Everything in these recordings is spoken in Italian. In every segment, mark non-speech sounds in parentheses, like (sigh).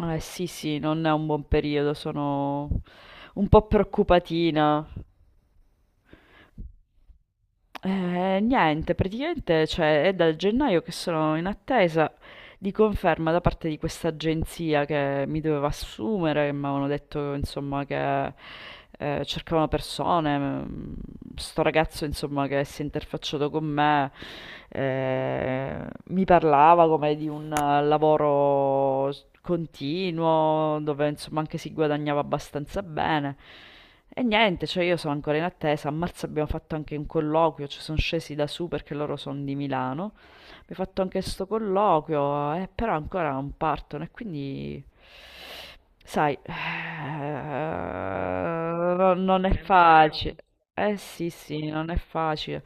Eh sì, sì, non è un buon periodo, sono un po' preoccupatina. Niente, praticamente, cioè, è dal gennaio che sono in attesa di conferma da parte di questa agenzia che mi doveva assumere, che mi avevano detto, insomma, che cercavano persone. Sto ragazzo, insomma, che si è interfacciato con me, mi parlava come di un continuo, dove, insomma, anche si guadagnava abbastanza bene. E niente, cioè io sono ancora in attesa. A marzo abbiamo fatto anche un colloquio, ci sono scesi da su perché loro sono di Milano. Abbiamo fatto anche sto colloquio, però ancora non partono e quindi, sai, non è È vero. Facile. Eh sì, sì, non è facile.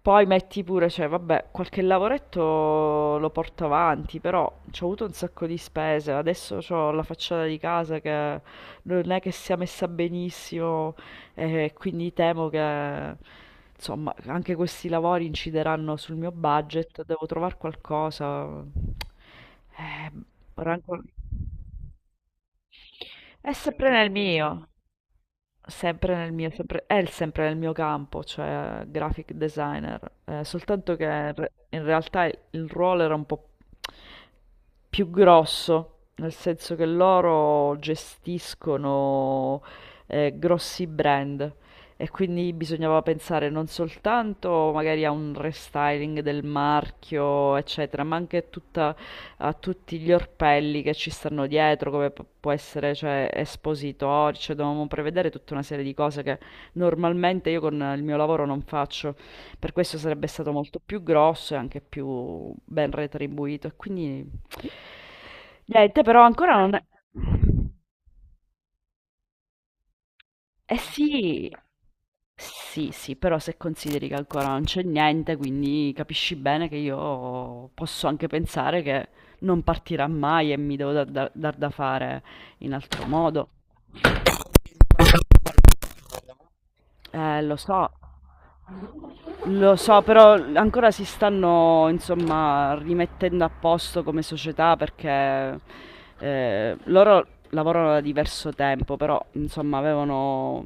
Poi metti pure, cioè, vabbè, qualche lavoretto lo porto avanti, però ci ho avuto un sacco di spese. Adesso ho la facciata di casa che non è che sia messa benissimo, e quindi temo che insomma anche questi lavori incideranno sul mio budget, devo trovare qualcosa. Eh, rancor- è sempre nel mio, sempre nel mio, sempre- è il- sempre nel mio campo, cioè graphic designer, soltanto che in realtà il ruolo era un po' più grosso, nel senso che loro gestiscono grossi brand e quindi bisognava pensare non soltanto magari a un restyling del marchio, eccetera, ma anche tutta a tutti gli orpelli che ci stanno dietro, come può essere, cioè, espositori, cioè dovevamo prevedere tutta una serie di cose che normalmente io con il mio lavoro non faccio. Per questo sarebbe stato molto più grosso e anche più ben retribuito. E quindi niente, però ancora non è... Eh sì, sì, sì, però se consideri che ancora non c'è niente, quindi capisci bene che io posso anche pensare che non partirà mai e mi devo dar da fare in altro modo. Eh, lo so, lo so, però ancora si stanno, insomma, rimettendo a posto come società perché loro lavorano da diverso tempo, però, insomma, avevano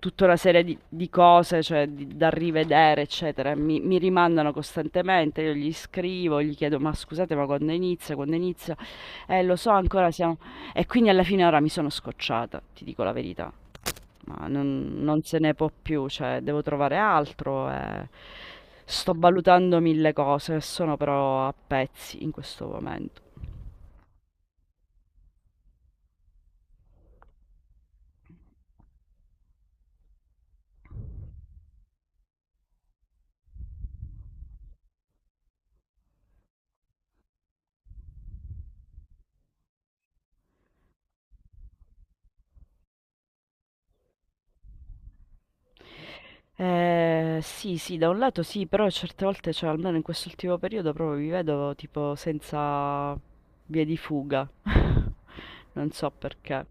tutta una serie di cose, cioè, da rivedere, eccetera. Mi rimandano costantemente, io gli scrivo, gli chiedo, ma scusate, ma quando inizia, quando inizia? Lo so, ancora siamo... E quindi alla fine ora mi sono scocciata, ti dico la verità. Ma non se ne può più, cioè devo trovare altro e sto valutando mille cose, sono però a pezzi in questo momento. Sì, sì, da un lato sì, però certe volte, cioè almeno in quest'ultimo periodo, proprio mi vedo tipo senza vie di fuga. (laughs) Non so perché.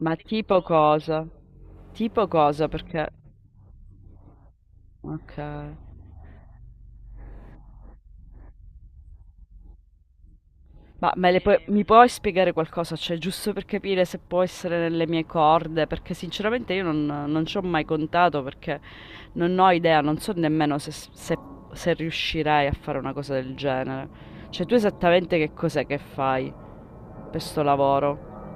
Ma tipo cosa? Tipo cosa? Perché... Ok. Mi puoi spiegare qualcosa? Cioè, giusto per capire se può essere nelle mie corde, perché sinceramente io non, non ci ho mai contato, perché non ho idea, non so nemmeno se riuscirei a fare una cosa del genere. Cioè, tu esattamente che cos'è che fai per sto lavoro?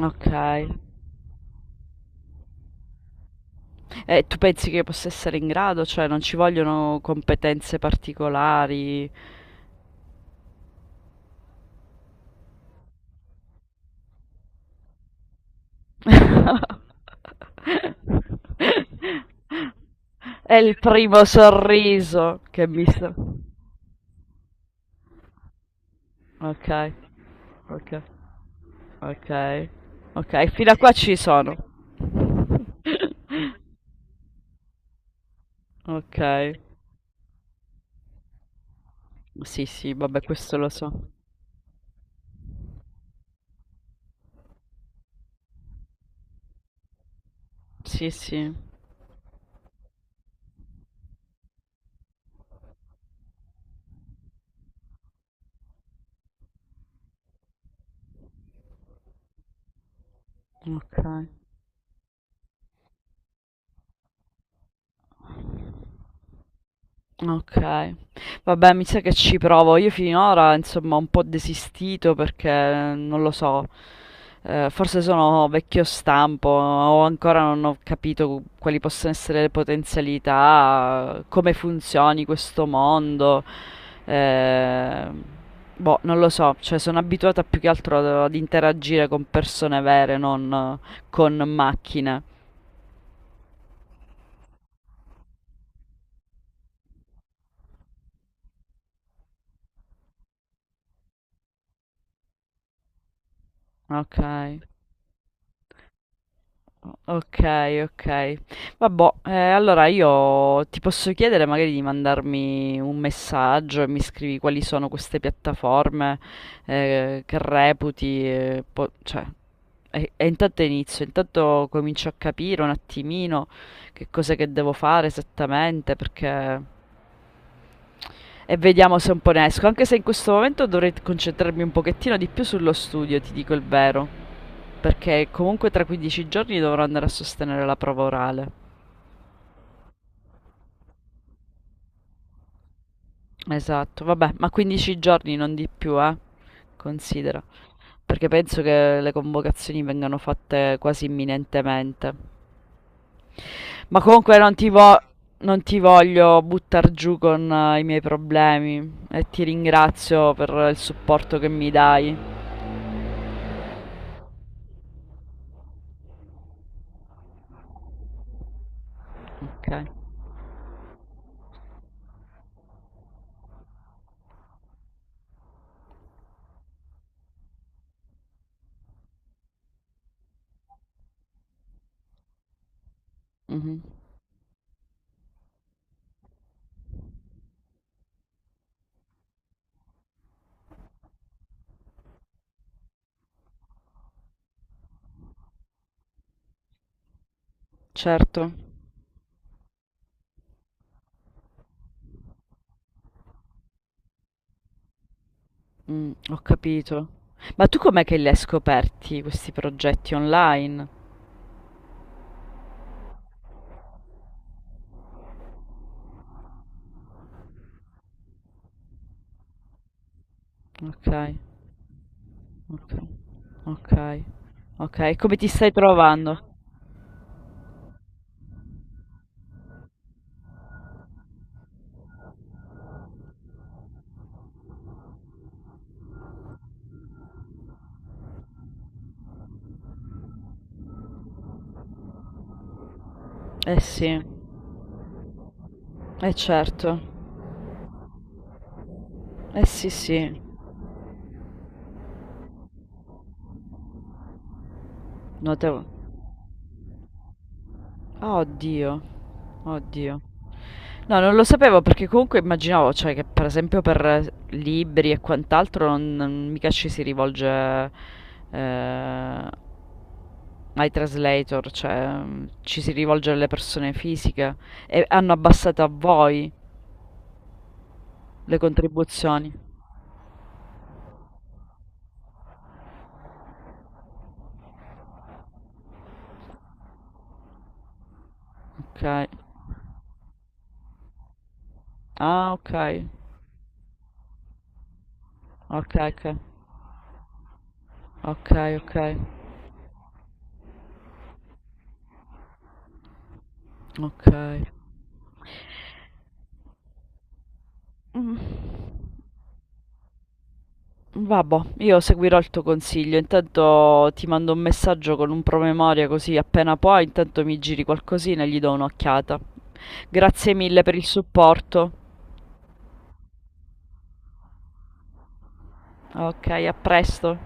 Ok. E tu pensi che io possa essere in grado? Cioè, non ci vogliono competenze particolari? È il primo sorriso che mi sta... Okay, okay, okay, okay, fino a qua ci sono. Okay, sì, sì, vabbè questo lo so. Sì, sì, okay. Okay. Vabbè, mi sa che ci provo. Io finora, insomma, ho un po' desistito perché non lo so, forse sono vecchio stampo o ancora non ho capito quali possono essere le potenzialità, come funzioni questo mondo. Ehm, boh, non lo so, cioè sono abituata più che altro ad interagire con persone vere, non con macchine. Okay. Ok, ok. Vabbè, allora io ti posso chiedere magari di mandarmi un messaggio e mi scrivi quali sono queste piattaforme che reputi, cioè, e intanto inizio, intanto comincio a capire un attimino che cos'è che devo fare esattamente, perché... E vediamo se un po' ne esco, anche se in questo momento dovrei concentrarmi un pochettino di più sullo studio, ti dico il vero. Perché comunque tra 15 giorni dovrò andare a sostenere la prova orale. Esatto, vabbè, ma 15 giorni non di più, eh? Considera. Perché penso che le convocazioni vengano fatte quasi imminentemente. Ma comunque non ti voglio buttar giù con i miei problemi e ti ringrazio per il supporto che mi dai. Ok. Mhm. Certo. Mm, ho capito. Ma tu com'è che li hai scoperti questi progetti online? Okay, okay, okay, okay. Come ti stai trovando? Eh sì, eh certo, eh sì, sì, notevo. Ah, oddio, oddio. No, non lo sapevo perché comunque immaginavo, cioè, che per esempio per libri e quant'altro non, mica ci si rivolge eh, ai translator, cioè mm, ci si rivolge alle persone fisiche e hanno abbassato a voi le contribuzioni. Ok. Ah, okay. Okay, okay. Okay, okay. Okay. Mh. Vabbò, io seguirò il tuo consiglio. Intanto ti mando un messaggio con un promemoria così appena puoi, intanto mi giri qualcosina e gli do un'occhiata. Grazie mille per il supporto. Ok, a presto.